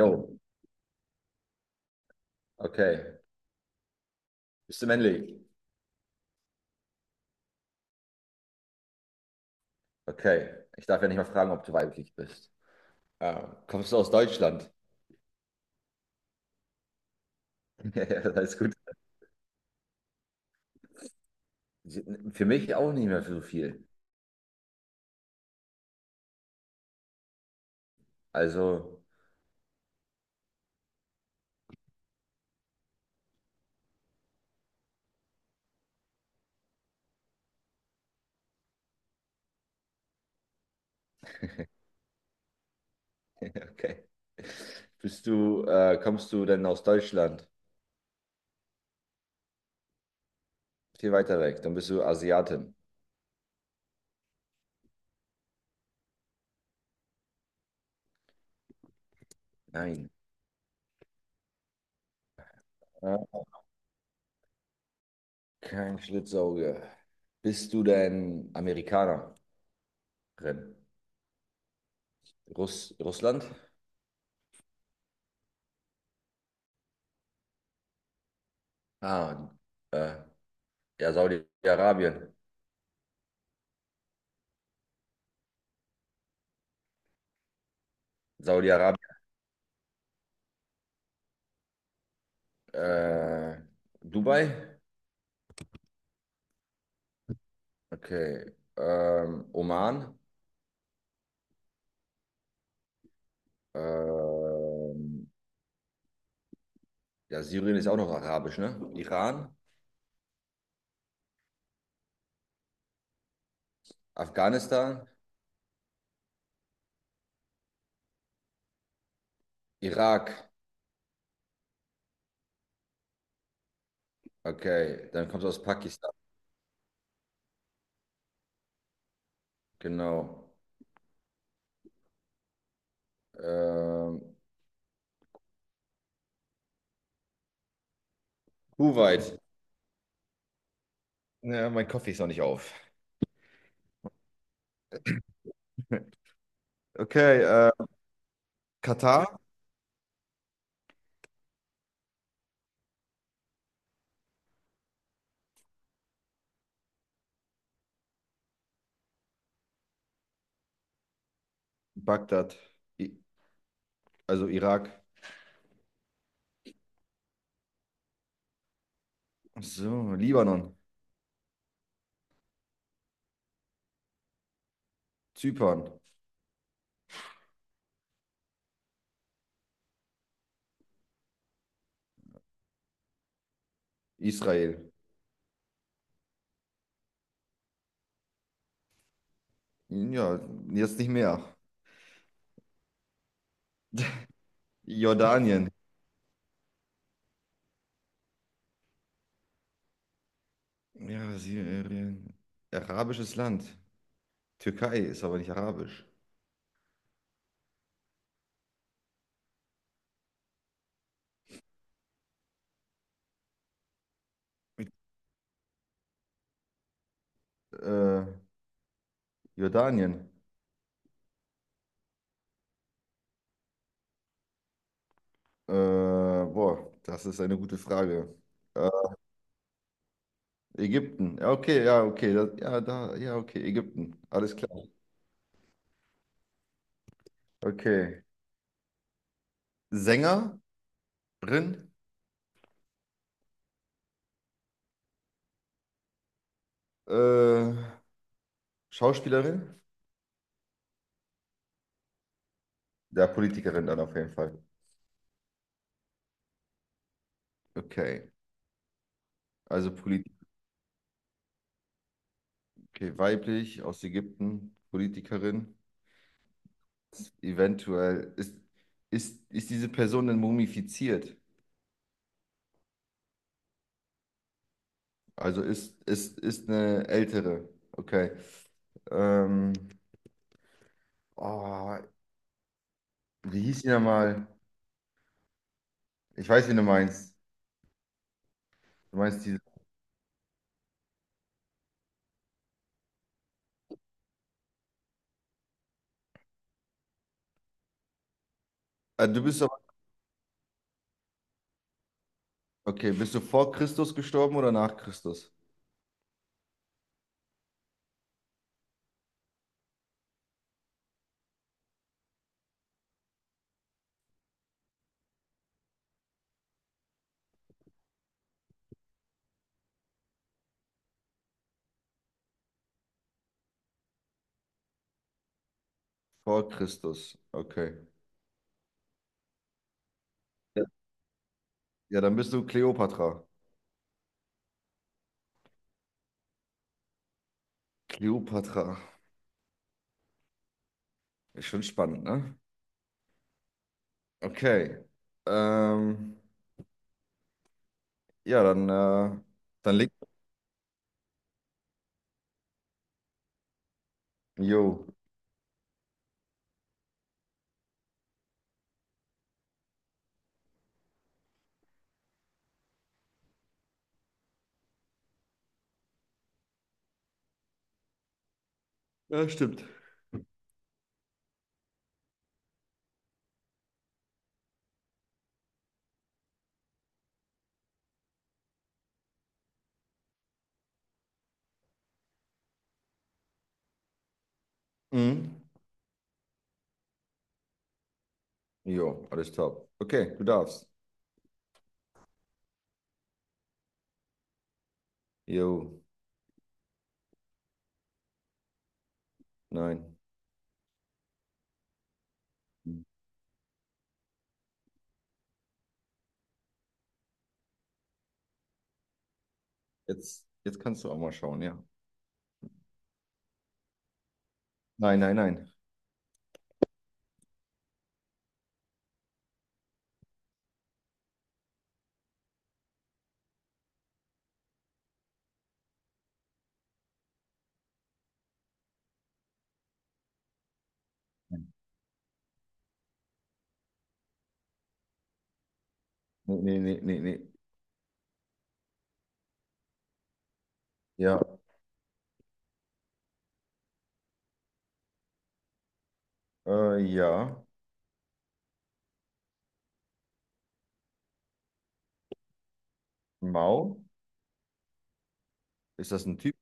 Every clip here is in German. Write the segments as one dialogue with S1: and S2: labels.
S1: Jo, okay. Bist du männlich? Okay. Ich darf ja nicht mal fragen, ob du weiblich bist. Kommst du aus Deutschland? Ja, ja, alles gut. Für mich auch nicht mehr so viel. Also, okay. Bist du, kommst du denn aus Deutschland? Viel weiter weg. Dann bist du Asiatin. Nein. Ah, Kein Schlitzauge. Bist du denn Amerikanerin? Russland? Ah, äh, ja, Saudi-Arabien. Saudi-Arabien. Äh, Dubai? Okay. Oman? Ähm, ja, Syrien ist auch noch arabisch, ne? Iran? Afghanistan? Irak? Okay. Dann kommst du aus Pakistan. Genau. Ähm, Kuwait? Ja, mein Kaffee ist noch nicht auf. Okay. Katar? Bagdad? I also Irak? Ach so, Libanon? Zypern? Israel? Ja, jetzt nicht mehr. Jordanien? Ja, Syrien. Arabisches Land. Türkei ist aber nicht arabisch. Mit, äh, Jordanien. Boah, das ist eine gute Frage. Äh, Ägypten. Ja, okay, ja, okay. Das, ja, da, ja, okay, Ägypten. Alles klar. Okay. Sängerin, äh, Schauspielerin, ja, Politikerin dann auf jeden Fall. Okay, also Polit okay, weiblich aus Ägypten, Politikerin. Eventuell ist, ist diese Person denn mumifiziert? Also ist, ist eine ältere. Okay. Ähm, oh, wie hieß die nochmal? Ich weiß, wen du meinst. Du meinst diese. Ah, du bist aber. Okay, bist du vor Christus gestorben oder nach Christus? Vor Christus. Okay. Ja, ja, dann bist du Kleopatra. Kleopatra. Ist schon spannend, ne? Okay. Ähm, ja, dann leg. Jo. Ja, stimmt. Mhm. Jo, alles top. Okay, du darfst. Jo, nein. Jetzt, jetzt kannst du auch mal schauen, ja. Nein, nein, nein. Nee, nee, nee, nee, nee. Ja, ja. Mao? Ist das ein Typ?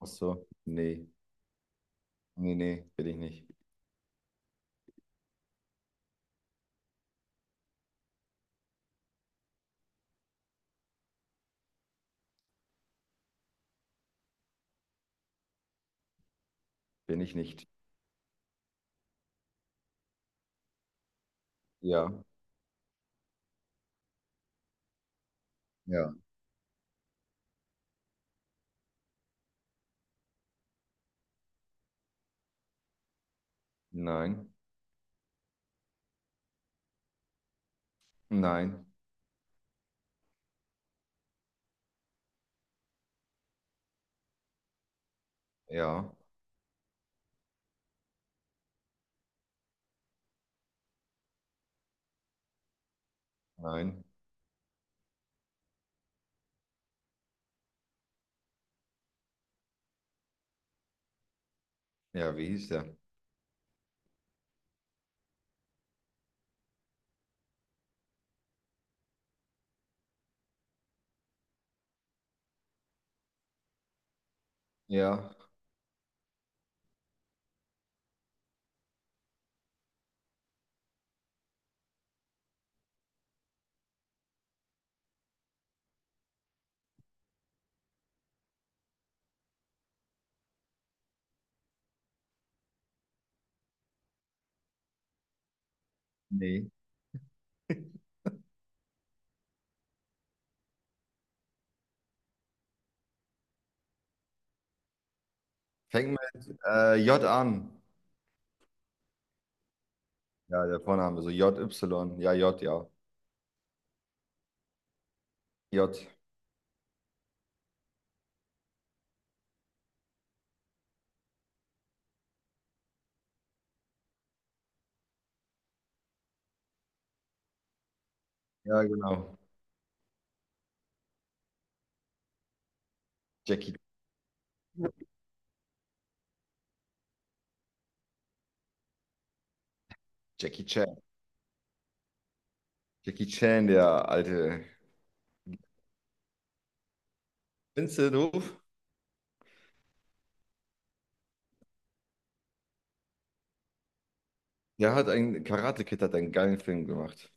S1: Ach so. Nee, nee, nee, bin ich nicht. Bin ich nicht. Ja, ja. Nein, nein, ja, nein. Ja, wie hieß der? Ja, nee. Fängt mit J an. Ja, der Vorname, so J, Y. Ja, J, ja. J. Ja, genau. Jackie. Jackie Chan. Jackie Chan, der alte. Kennst du den Ruf? Der hat einen Karate Kid, hat einen geilen Film gemacht.